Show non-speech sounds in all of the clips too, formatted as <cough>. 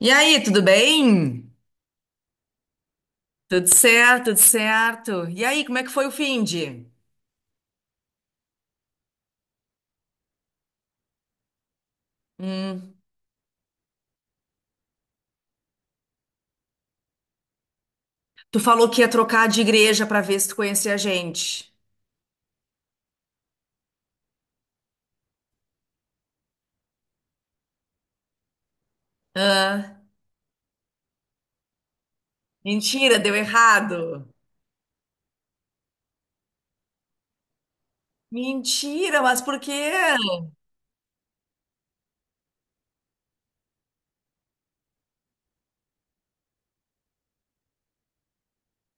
E aí, tudo bem? Tudo certo, tudo certo. E aí, como é que foi o finde? Hum, tu falou que ia trocar de igreja pra ver se tu conhecia a gente. Hã? Mentira, deu errado. Mentira, mas por quê?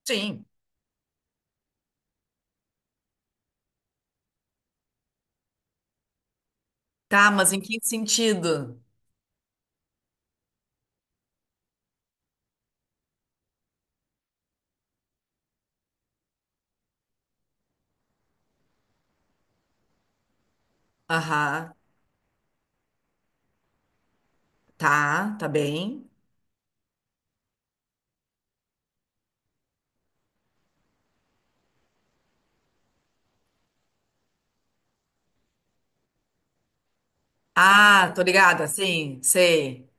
Sim. Tá, mas em que sentido? Aham. Tá, tá bem. Ah, tô ligada, sim, sei.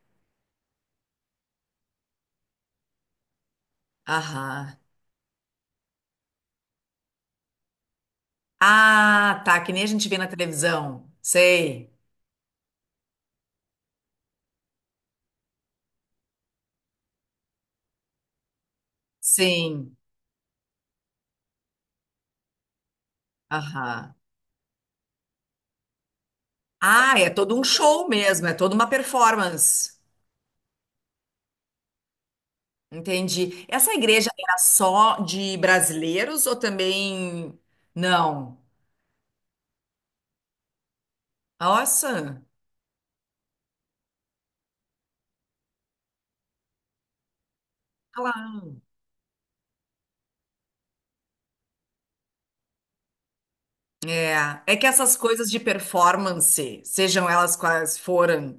Aham. Ah, tá, que nem a gente vê na televisão. Sei. Sim. Aham. Ah, é todo um show mesmo, é toda uma performance. Entendi. Essa igreja era só de brasileiros ou também. Não. Nossa. Olha lá. É, é que essas coisas de performance, sejam elas quais forem,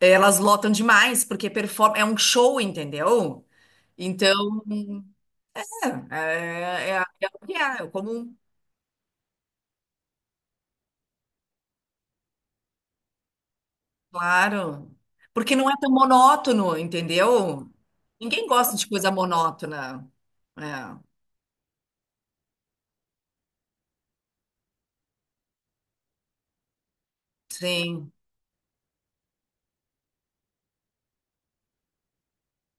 elas lotam demais, porque perform é um show, entendeu? Então, é o que é, é comum. Claro. Porque não é tão monótono, entendeu? Ninguém gosta de coisa monótona. É, sim.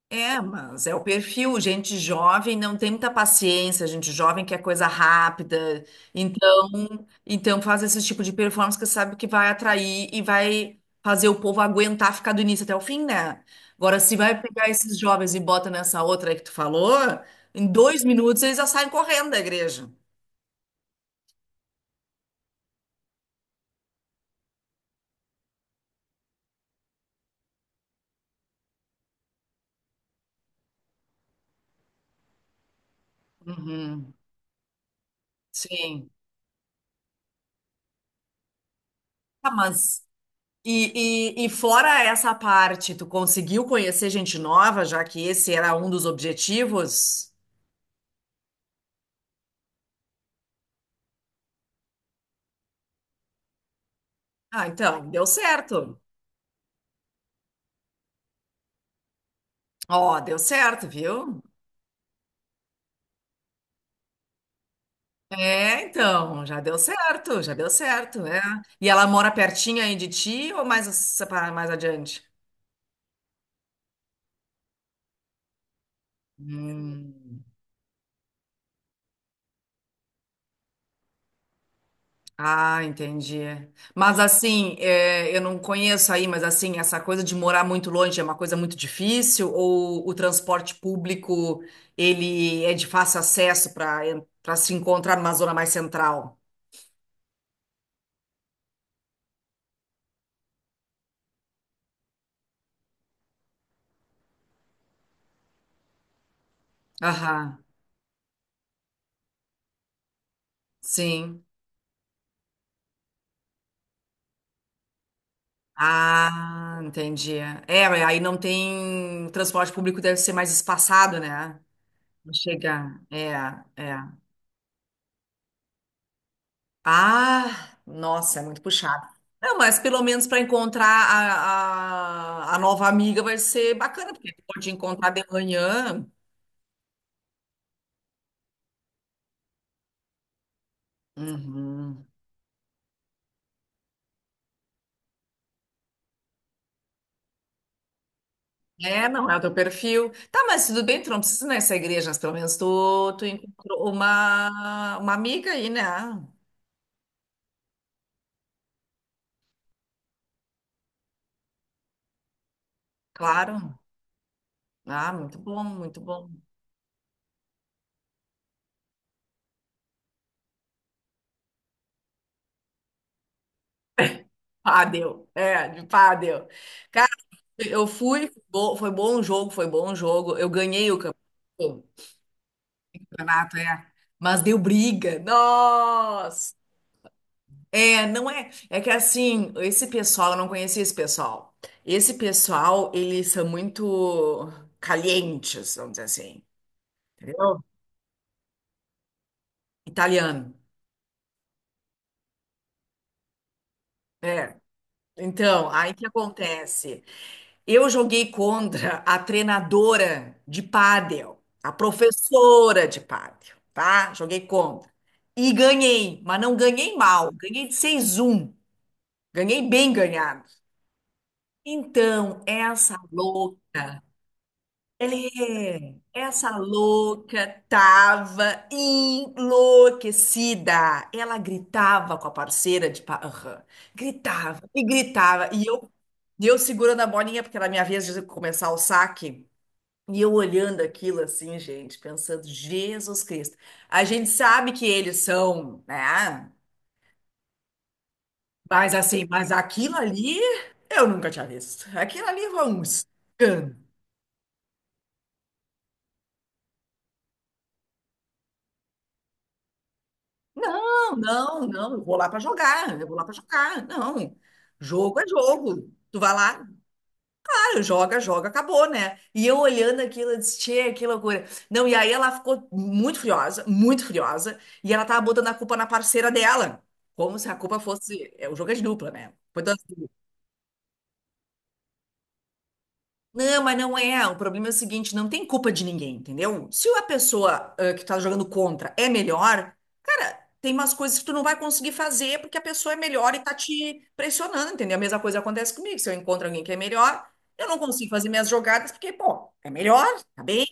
É, mas é o perfil. Gente jovem não tem muita paciência, gente jovem quer coisa rápida. Então, então faz esse tipo de performance que sabe que vai atrair e vai fazer o povo aguentar ficar do início até o fim, né? Agora, se vai pegar esses jovens e bota nessa outra aí que tu falou, em 2 minutos eles já saem correndo da igreja. Uhum. Sim. Ah, mas e fora essa parte, tu conseguiu conhecer gente nova, já que esse era um dos objetivos? Ah, então, deu certo. Ó, deu certo, viu? É, então, já deu certo, né? E ela mora pertinho aí de ti ou mais separa mais adiante? Hum. Ah, entendi. Mas assim, eu não conheço aí, mas assim, essa coisa de morar muito longe é uma coisa muito difícil ou o transporte público ele é de fácil acesso para para se encontrar numa zona mais central? Aham, sim. Ah, entendi. É, mas aí não tem. O transporte público deve ser mais espaçado, né? Chegar. É, é. Ah, nossa, é muito puxado. Não, mas pelo menos para encontrar a nova amiga vai ser bacana, porque tu pode encontrar de manhã. Uhum. É, não é o teu perfil. Tá, mas tudo bem, tu não precisa ir nessa igreja, mas pelo menos tu encontrou uma amiga aí, né? Ah, claro. Ah, muito bom, muito bom. Pádel, é, de pádel. Cara, eu fui, foi bom o jogo, foi bom o jogo. Eu ganhei o campeonato. Renato, é. Mas deu briga. Nossa! É, não é. É que assim, esse pessoal, eu não conhecia esse pessoal. Esse pessoal, eles são muito calientes, vamos dizer assim. Entendeu? Italiano. É. Então, aí o que acontece? Eu joguei contra a treinadora de pádel, a professora de pádel, tá? Joguei contra. E ganhei, mas não ganhei mal, ganhei de 6 um. Ganhei bem ganhado. Então, essa louca tava enlouquecida. Ela gritava com a parceira de parra, gritava e gritava, e eu segurando a bolinha, porque era a minha vez de começar o saque, e eu olhando aquilo assim, gente, pensando, Jesus Cristo. A gente sabe que eles são, né? Mas assim, mas aquilo ali eu nunca tinha visto. Aquilo ali foi um escândalo. Não, não, não, eu vou lá para jogar, eu vou lá para jogar. Não, jogo é jogo. Tu vai lá, ah, joga, joga, acabou, né? E eu olhando aquilo, eu disse, tchê, que loucura. Não, e aí ela ficou muito furiosa, e ela tava botando a culpa na parceira dela, como se a culpa fosse, o jogo é de dupla, né? Foi das Não, mas não é. O problema é o seguinte, não tem culpa de ninguém, entendeu? Se a pessoa que tá jogando contra é melhor, cara, tem umas coisas que tu não vai conseguir fazer porque a pessoa é melhor e tá te pressionando, entendeu? A mesma coisa acontece comigo. Se eu encontro alguém que é melhor, eu não consigo fazer minhas jogadas porque, pô, é melhor, tá bem?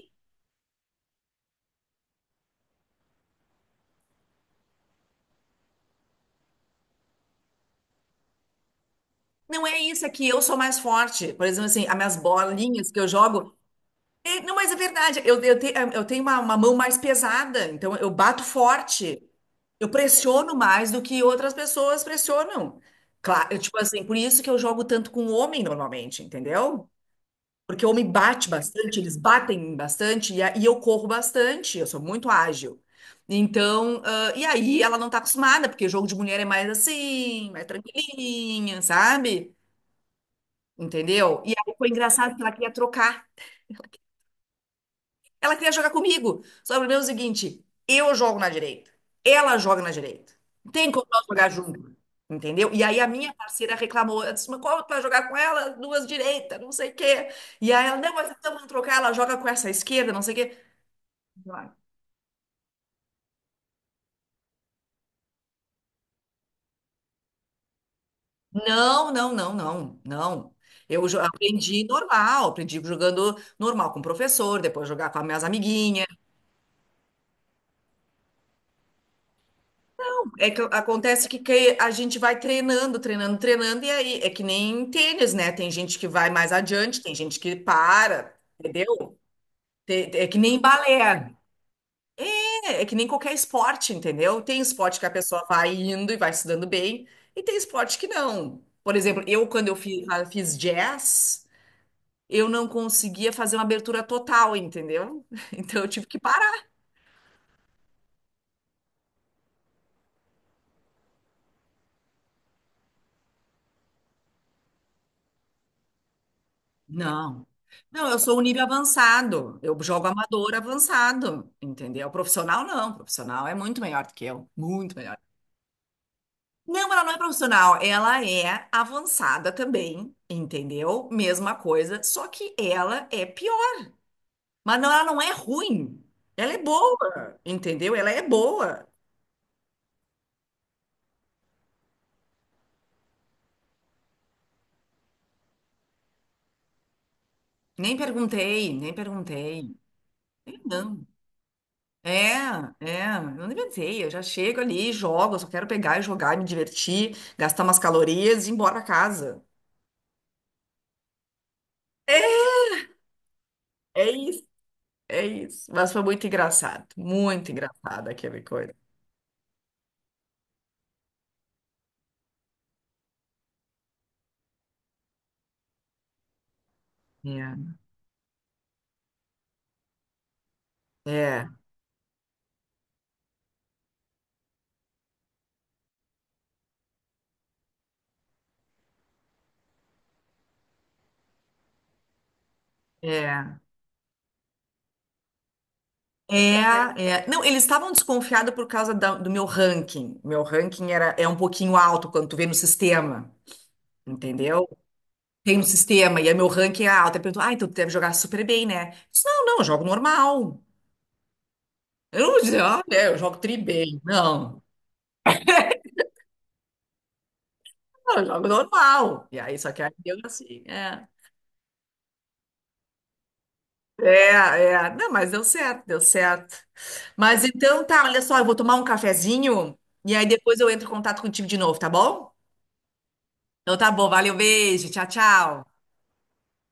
Não é isso, aqui. Eu sou mais forte. Por exemplo, assim, as minhas bolinhas que eu jogo, é, não, mas é verdade, eu tenho uma mão mais pesada, então eu bato forte. Eu pressiono mais do que outras pessoas pressionam. Claro, tipo assim, por isso que eu jogo tanto com homem normalmente, entendeu? Porque o homem bate bastante, eles batem bastante e eu corro bastante, eu sou muito ágil. Então, e aí ela não tá acostumada, porque o jogo de mulher é mais assim, mais tranquilinha, sabe? Entendeu? E aí foi engraçado que ela queria trocar. Ela queria jogar comigo. Só que o problema é o seguinte: eu jogo na direita, ela joga na direita. Não tem como nós jogar junto. Entendeu? E aí a minha parceira reclamou. Ela disse, mas como tu vai jogar com ela? Duas direitas, não sei o quê. E aí ela, não, mas então vamos trocar, ela joga com essa esquerda, não sei o quê. Não, não, não, não, não. Aprendi normal, aprendi jogando normal com o professor, depois jogar com as minhas amiguinhas. É que acontece que a gente vai treinando, treinando, treinando, e aí é que nem tênis, né? Tem gente que vai mais adiante, tem gente que para, entendeu? É que nem balé, é que nem qualquer esporte, entendeu? Tem esporte que a pessoa vai indo e vai se dando bem, e tem esporte que não. Por exemplo, eu, quando eu fiz, jazz, eu não conseguia fazer uma abertura total, entendeu? <laughs> Então eu tive que parar. Não. Não, eu sou um nível avançado. Eu jogo amador avançado, entendeu? Profissional não. Profissional é muito melhor do que eu. Muito melhor. Não, ela não é profissional. Ela é avançada também, entendeu? Mesma coisa, só que ela é pior. Mas não, ela não é ruim. Ela é boa, entendeu? Ela é boa. Nem perguntei, nem perguntei. Não. É, é, eu não inventei, eu já chego ali, jogo, eu só quero pegar e jogar, me divertir, gastar umas calorias e ir embora pra casa. É isso, é isso. Mas foi muito engraçado aquela coisa. É, é, é. É, é. Não, eles estavam desconfiados por causa do meu ranking. Meu ranking é um pouquinho alto quando tu vê no sistema, entendeu? Tem no sistema, e aí meu ranking é alto. Aí perguntou, ah, então tu deve jogar super bem, né? Eu disse, não, não, eu jogo normal. Eu não vou eu jogo tri bem. Não, não, eu jogo normal. E aí, só que aí deu assim, é. É, é. Não, mas deu certo, deu certo. Mas então tá, olha só, eu vou tomar um cafezinho e aí depois eu entro em contato contigo de novo, tá bom? Então tá bom, valeu, beijo, tchau, tchau.